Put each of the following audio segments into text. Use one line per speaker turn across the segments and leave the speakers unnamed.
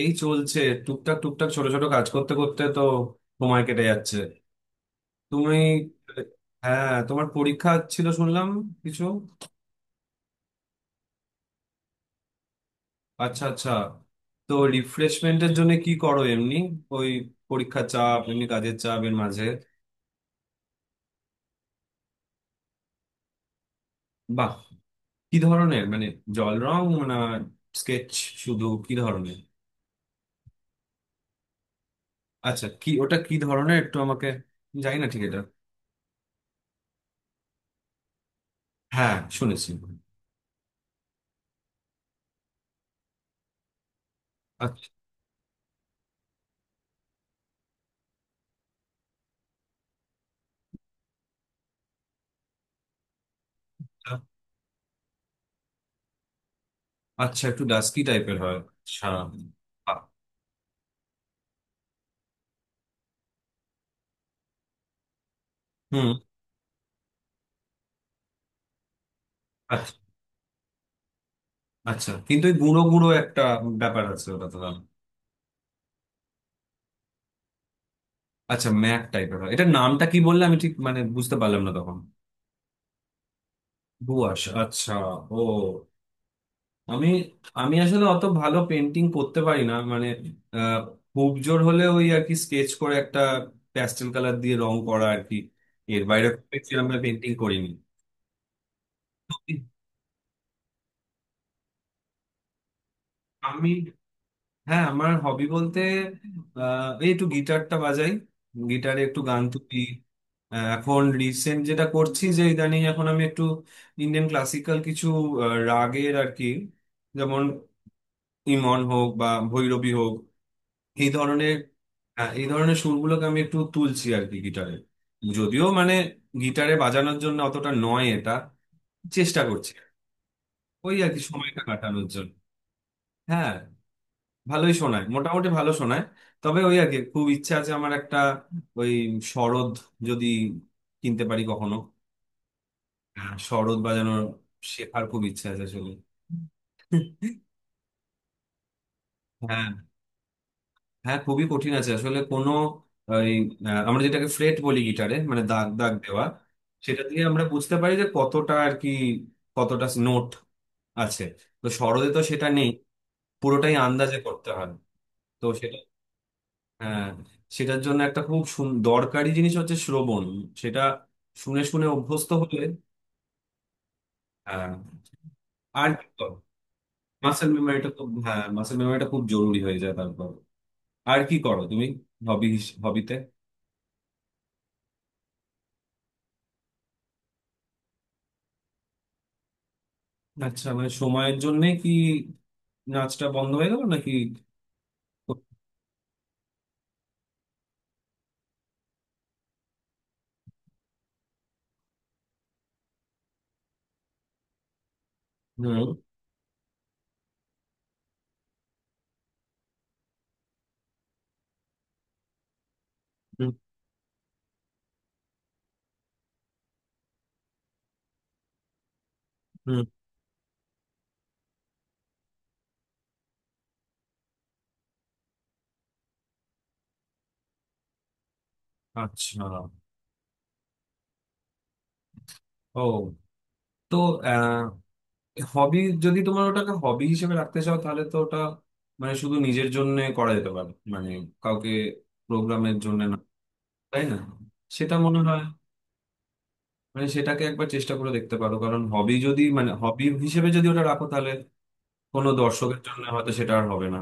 এই চলছে। টুকটাক টুকটাক, ছোট ছোট কাজ করতে করতে তো সময় কেটে যাচ্ছে। তুমি? হ্যাঁ, তোমার পরীক্ষা ছিল শুনলাম কিছু। আচ্ছা আচ্ছা। তো রিফ্রেশমেন্টের জন্য কি করো এমনি, ওই পরীক্ষার চাপ, এমনি কাজের চাপ এর মাঝে? বাহ, কি ধরনের, মানে জল রং, না স্কেচ, শুধু কি ধরনের? আচ্ছা, কি ওটা, কি ধরনের একটু আমাকে, জানি না ঠিক এটা। হ্যাঁ শুনেছি। আচ্ছা আচ্ছা। একটু ডাস্কি টাইপের হয়? আচ্ছা। হুম। আচ্ছা, আচ্ছা কিন্তু ওই গুঁড়ো গুঁড়ো একটা ব্যাপার আছে ওটা তো দাম। আচ্ছা, ম্যাক টাইপের হয়। এটার নামটা কি বললে, আমি ঠিক মানে বুঝতে পারলাম না তখন। দুয়াশ, আচ্ছা। ও। আমি আমি আসলে অত ভালো পেন্টিং করতে পারি না, মানে আহ, খুব জোর হলে ওই আর কি স্কেচ করে একটা প্যাস্টেল কালার দিয়ে রং করা আর কি। এর বাইরে খুব বেশি আমরা পেন্টিং করিনি। তো আমি, হ্যাঁ আমার হবি বলতে এই একটু গিটারটা বাজাই, গিটারে একটু গান তুলি। এখন রিসেন্ট যেটা করছি, যে ইদানিং এখন আমি একটু ইন্ডিয়ান ক্লাসিক্যাল কিছু রাগের আর কি, যেমন ইমন হোক বা ভৈরবী হোক, এই ধরনের। হ্যাঁ এই ধরনের সুরগুলোকে আমি একটু তুলছি আর কি গিটারে। যদিও মানে গিটারে বাজানোর জন্য অতটা নয়, এটা চেষ্টা করছি। ওই আর কি সময়টা কাটানোর জন্য। হ্যাঁ, ভালোই শোনায়, মোটামুটি ভালো শোনায়। তবে ওই আগে খুব ইচ্ছা আছে আমার একটা, ওই সরোদ যদি কিনতে পারি কখনো। হ্যাঁ, সরোদ বাজানোর, শেখার খুব ইচ্ছা আছে আসলে। হ্যাঁ, হ্যাঁ খুবই কঠিন আছে আসলে। কোনো ওই আমরা যেটাকে ফ্রেট বলি গিটারে, মানে দাগ দাগ দেওয়া, সেটা দিয়ে আমরা বুঝতে পারি যে কতটা আর কি, কতটা নোট আছে। তো সরোদে তো সেটা নেই, পুরোটাই আন্দাজে করতে হয়। তো হ্যাঁ, সেটার জন্য একটা খুব দরকারি জিনিস হচ্ছে শ্রবণ। সেটা শুনে শুনে অভ্যস্ত হলে। হ্যাঁ। আর কি করো? মাসেল মেমোরিটা খুব, হ্যাঁ মাসেল মেমোরিটা খুব জরুরি হয়ে যায় তারপর। আর কি করো তুমি, হবি, হবিতে? আচ্ছা, মানে সময়ের জন্য কি নাচটা বন্ধ হয়ে গেল নাকি? হুম হুম হুম। আচ্ছা। ও। তো আহ, হবি, যদি তোমার ওটাকে হবি হিসেবে রাখতে চাও তাহলে তো ওটা মানে শুধু নিজের জন্য করা যেতে পারে, মানে কাউকে, প্রোগ্রামের জন্য না, তাই না? সেটা মনে হয়, মানে সেটাকে একবার চেষ্টা করে দেখতে পারো, কারণ হবি যদি, মানে হবি হিসেবে যদি ওটা রাখো, তাহলে কোনো দর্শকের জন্য হয়তো সেটা আর হবে না।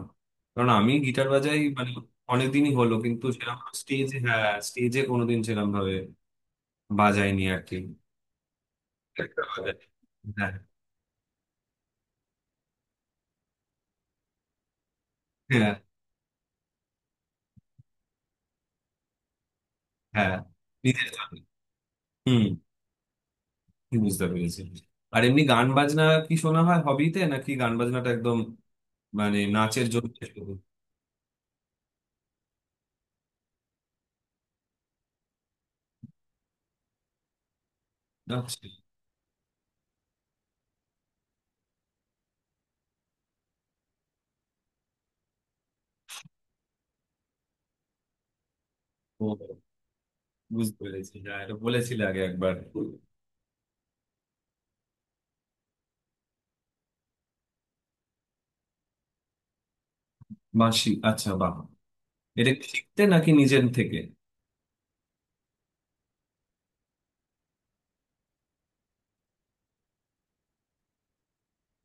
কারণ আমি গিটার বাজাই মানে অনেকদিনই হলো, কিন্তু সেরকম স্টেজে, হ্যাঁ স্টেজে কোনোদিন সেরকম ভাবে বাজাইনি আর কি, একটা বাজাই। হ্যাঁ হ্যাঁ হ্যাঁ, নিজের জন্য। হুম, বুঝতে পেরেছি। আর এমনি গান বাজনা কি শোনা হয় হবিতে, নাকি গান বাজনাটা একদম মানে নাচের জন্য শুধু? নাচ। ও, বুঝতে পেরেছি। হ্যাঁ, এটা বলেছিলে আগে একবার। বাঁশি, আচ্ছা বাহ। এটা কি শিখতে নাকি নিজের থেকে?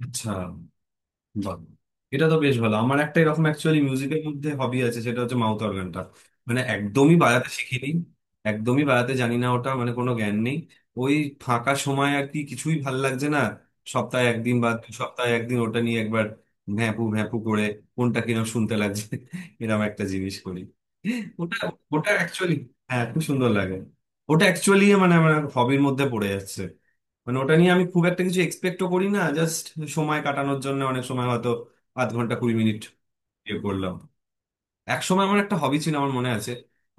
আচ্ছা। বাহ, এটা তো বেশ ভালো। আমার একটা এরকম অ্যাকচুয়ালি মিউজিকের মধ্যে হবি আছে, সেটা হচ্ছে মাউথ অর্গানটা। মানে একদমই বাজাতে শিখিনি, একদমই বাজাতে জানি না ওটা, মানে কোনো জ্ঞান নেই। ওই ফাঁকা সময় আর কি কিছুই ভাল লাগছে না, সপ্তাহে একদিন বা দু সপ্তাহে একদিন ওটা নিয়ে একবার ভ্যাঁপু ভ্যাঁপু করে, কোনটা কিনা শুনতে লাগছে এরকম একটা জিনিস করি। ওটা, ওটা হ্যাঁ খুব সুন্দর লাগে। ওটা অ্যাকচুয়ালি মানে আমার হবির মধ্যে পড়ে যাচ্ছে। মানে ওটা নিয়ে আমি খুব একটা কিছু এক্সপেক্টও করি না, জাস্ট সময় কাটানোর জন্য। অনেক সময় হয়তো আধ ঘন্টা কুড়ি মিনিট ইয়ে করলাম। এক সময় আমার একটা হবি ছিল, আমার মনে আছে।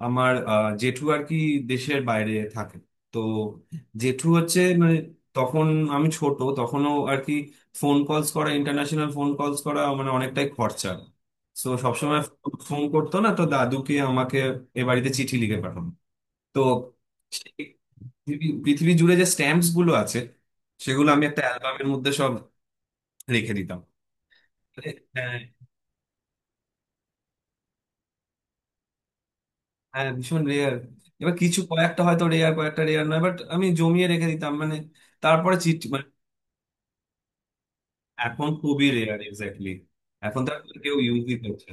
আমার জেঠু আর কি দেশের বাইরে থাকে, তো জেঠু হচ্ছে মানে, তখন আমি ছোট তখনও আর কি, ফোন কলস করা, ইন্টারন্যাশনাল ফোন কলস করা মানে অনেকটাই খরচা। তো সবসময় ফোন করতো না, তো দাদুকে আমাকে এ বাড়িতে চিঠি লিখে পাঠানো। তো সে- পৃথিবী জুড়ে যে স্ট্যাম্পস গুলো আছে সেগুলো আমি একটা অ্যালবামের মধ্যে সব রেখে দিতাম, মানে, হ্যাঁ। হ্যাঁ, ভীষণ রেয়ার। এবার কিছু কয়েকটা হয়তো রেয়ার, কয়েকটা রেয়ার নয়, বাট আমি জমিয়ে রেখে দিতাম। মানে তারপরে চিঠি মানে, এখন খুবই রেয়ার, এক্স্যাক্টলি। এখন তার কেউ ইউজই করছে।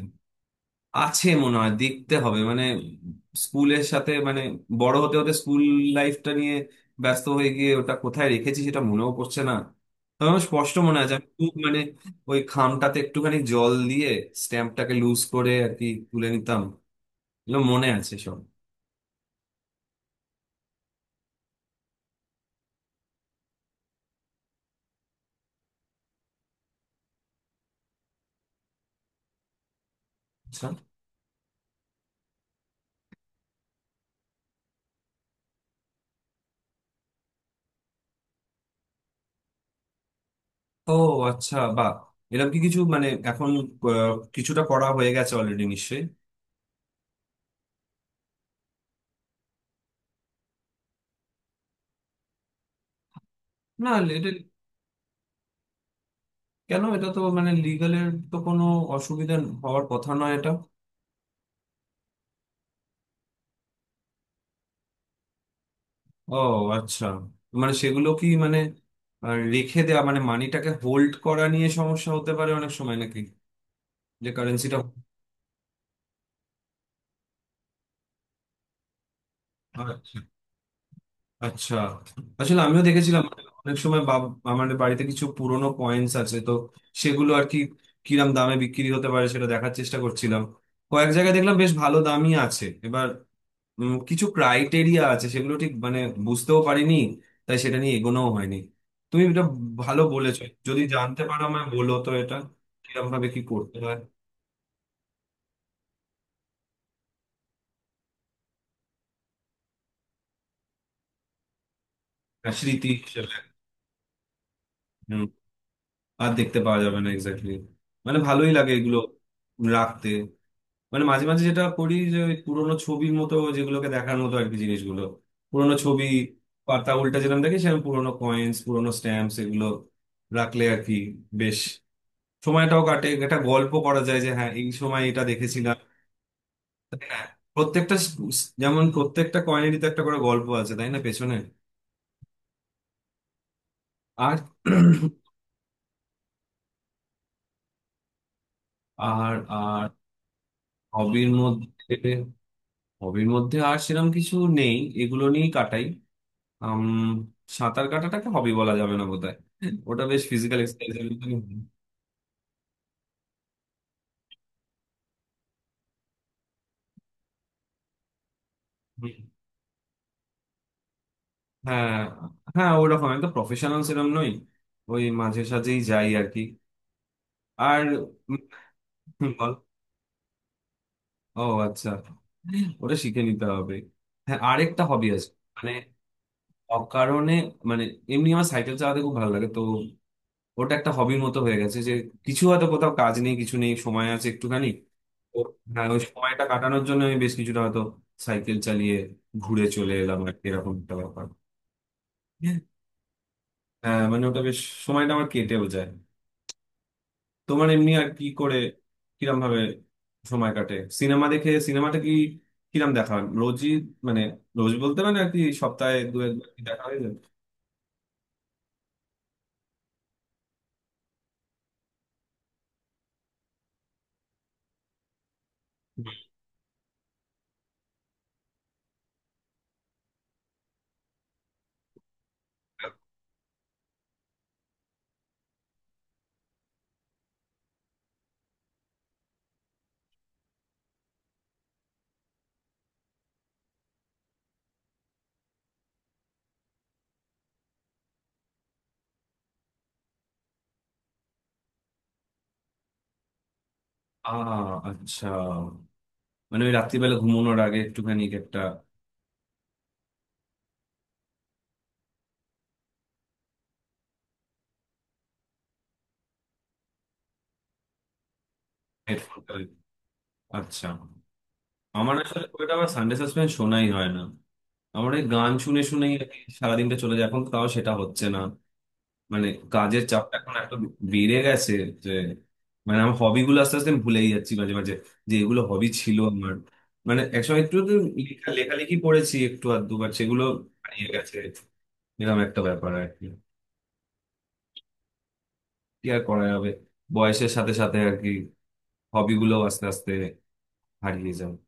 আছে মনে হয়, দেখতে হবে, মানে স্কুলের সাথে মানে বড় হতে হতে স্কুল লাইফটা নিয়ে ব্যস্ত হয়ে গিয়ে ওটা কোথায় রেখেছি সেটা মনেও পড়ছে না। তবে আমার স্পষ্ট মনে আছে, আমি খুব মানে ওই খামটাতে একটুখানি জল দিয়ে স্ট্যাম্পটাকে লুজ করে আর কি তুলে নিতাম। এগুলো মনে আছে সব। আচ্ছা। ও। আচ্ছা বা এরকম কি কিছু মানে এখন, কিছুটা করা হয়ে গেছে অলরেডি নিশ্চয়ই? না, এটা কেন, এটা তো মানে লিগালের তো কোনো অসুবিধা হওয়ার কথা নয় এটা। ও, আচ্ছা। মানে সেগুলো কি মানে আর রেখে দেওয়া, মানে মানিটাকে হোল্ড করা নিয়ে সমস্যা হতে পারে অনেক সময় নাকি, যে কারেন্সিটা? আচ্ছা, আচ্ছা। আসলে আমিও দেখেছিলাম মানে অনেক সময় বাব, আমাদের বাড়িতে কিছু পুরনো কয়েন্স আছে তো, সেগুলো আর কি কিরাম দামে বিক্রি হতে পারে সেটা দেখার চেষ্টা করছিলাম। কয়েক জায়গায় দেখলাম বেশ ভালো দামই আছে। এবার কিছু ক্রাইটেরিয়া আছে, সেগুলো ঠিক মানে বুঝতেও পারিনি, তাই সেটা নিয়ে এগোনোও হয়নি। তুমি এটা ভালো বলেছো, যদি জানতে পারো আমায় বলো তো এটা কিরকম ভাবে কি করতে হয়। হ্যাঁ, স্মৃতি হিসেবে। হুম, আর দেখতে পাওয়া যাবে না, এক্স্যাক্টলি। মানে ভালোই লাগে এগুলো রাখতে। মানে মাঝে মাঝে যেটা করি, যে ওই পুরোনো ছবির মতো যেগুলোকে দেখার মতো আর কি জিনিসগুলো, পুরোনো ছবি পাতা উল্টা যেরকম দেখি, সেরকম পুরোনো কয়েন্স, পুরোনো স্ট্যাম্পস এগুলো রাখলে আর কি বেশ, সময়টাও কাটে, একটা গল্প করা যায় যে হ্যাঁ এই সময় এটা দেখেছিলাম। প্রত্যেকটা যেমন প্রত্যেকটা কয়েনেরই তো একটা করে গল্প আছে, তাই না, পেছনে। আর আর আর, হবির মধ্যে, হবির মধ্যে আর সেরকম কিছু নেই, এগুলো নিয়েই কাটাই। আম, সাঁতার কাটাটাকে হবি বলা যাবে না বোধহয়, ওটা বেশ ফিজিক্যাল এক্সারসাইজ। হ্যাঁ, হ্যাঁ ওরকম একদম প্রফেশনাল সেরকম নই, ওই মাঝে সাঝেই যাই আর কি। আর, ও, আচ্ছা। ওটা শিখে নিতে হবে। হ্যাঁ আরেকটা হবি আছে, মানে অকারণে মানে এমনি আমার সাইকেল চালাতে খুব ভালো লাগে তো। ওটা একটা হবির মতো হয়ে গেছে, যে কিছু হয়তো কোথাও কাজ নেই, কিছু নেই, সময় আছে একটুখানি, তো হ্যাঁ ওই সময়টা কাটানোর জন্য আমি বেশ কিছুটা হয়তো সাইকেল চালিয়ে ঘুরে চলে এলাম আর কি, এরকম একটা ব্যাপার। হ্যাঁ মানে ওটা বেশ, সময়টা আমার কেটেও যায়। তোমার এমনি আর কি করে, কিরম ভাবে সময় কাটে? সিনেমা দেখে, সিনেমাটা কি কিরম দেখা হয় রোজই, মানে রোজ বলতে মানে আর কি সপ্তাহে দু একবার কি দেখা হয়ে যায়? আ, আচ্ছা। মানে ওই রাত্রিবেলা ঘুমানোর আগে একটুখানি একটা, হেডফোন। আচ্ছা। আমার আসলে খুব একটা, আমার সানডে সাসপেন্স শোনাই হয় না। আমার এই গান শুনে শুনেই আর কি সারাদিনটা চলে যায়, এখন তো তাও সেটা হচ্ছে না। মানে কাজের চাপটা এখন এত বেড়ে গেছে যে, মানে আমার হবি গুলো আস্তে আস্তে আমি ভুলেই যাচ্ছি, মাঝে মাঝে যে এগুলো হবি ছিল আমার। মানে একসময় একটু তো লেখা লেখালেখি পড়েছি একটু আর দুবার, সেগুলো হারিয়ে গেছে, এরকম একটা ব্যাপার আর কি। কি আর করা যাবে, বয়সের সাথে সাথে আর কি হবি গুলো আস্তে আস্তে হারিয়ে যাবে।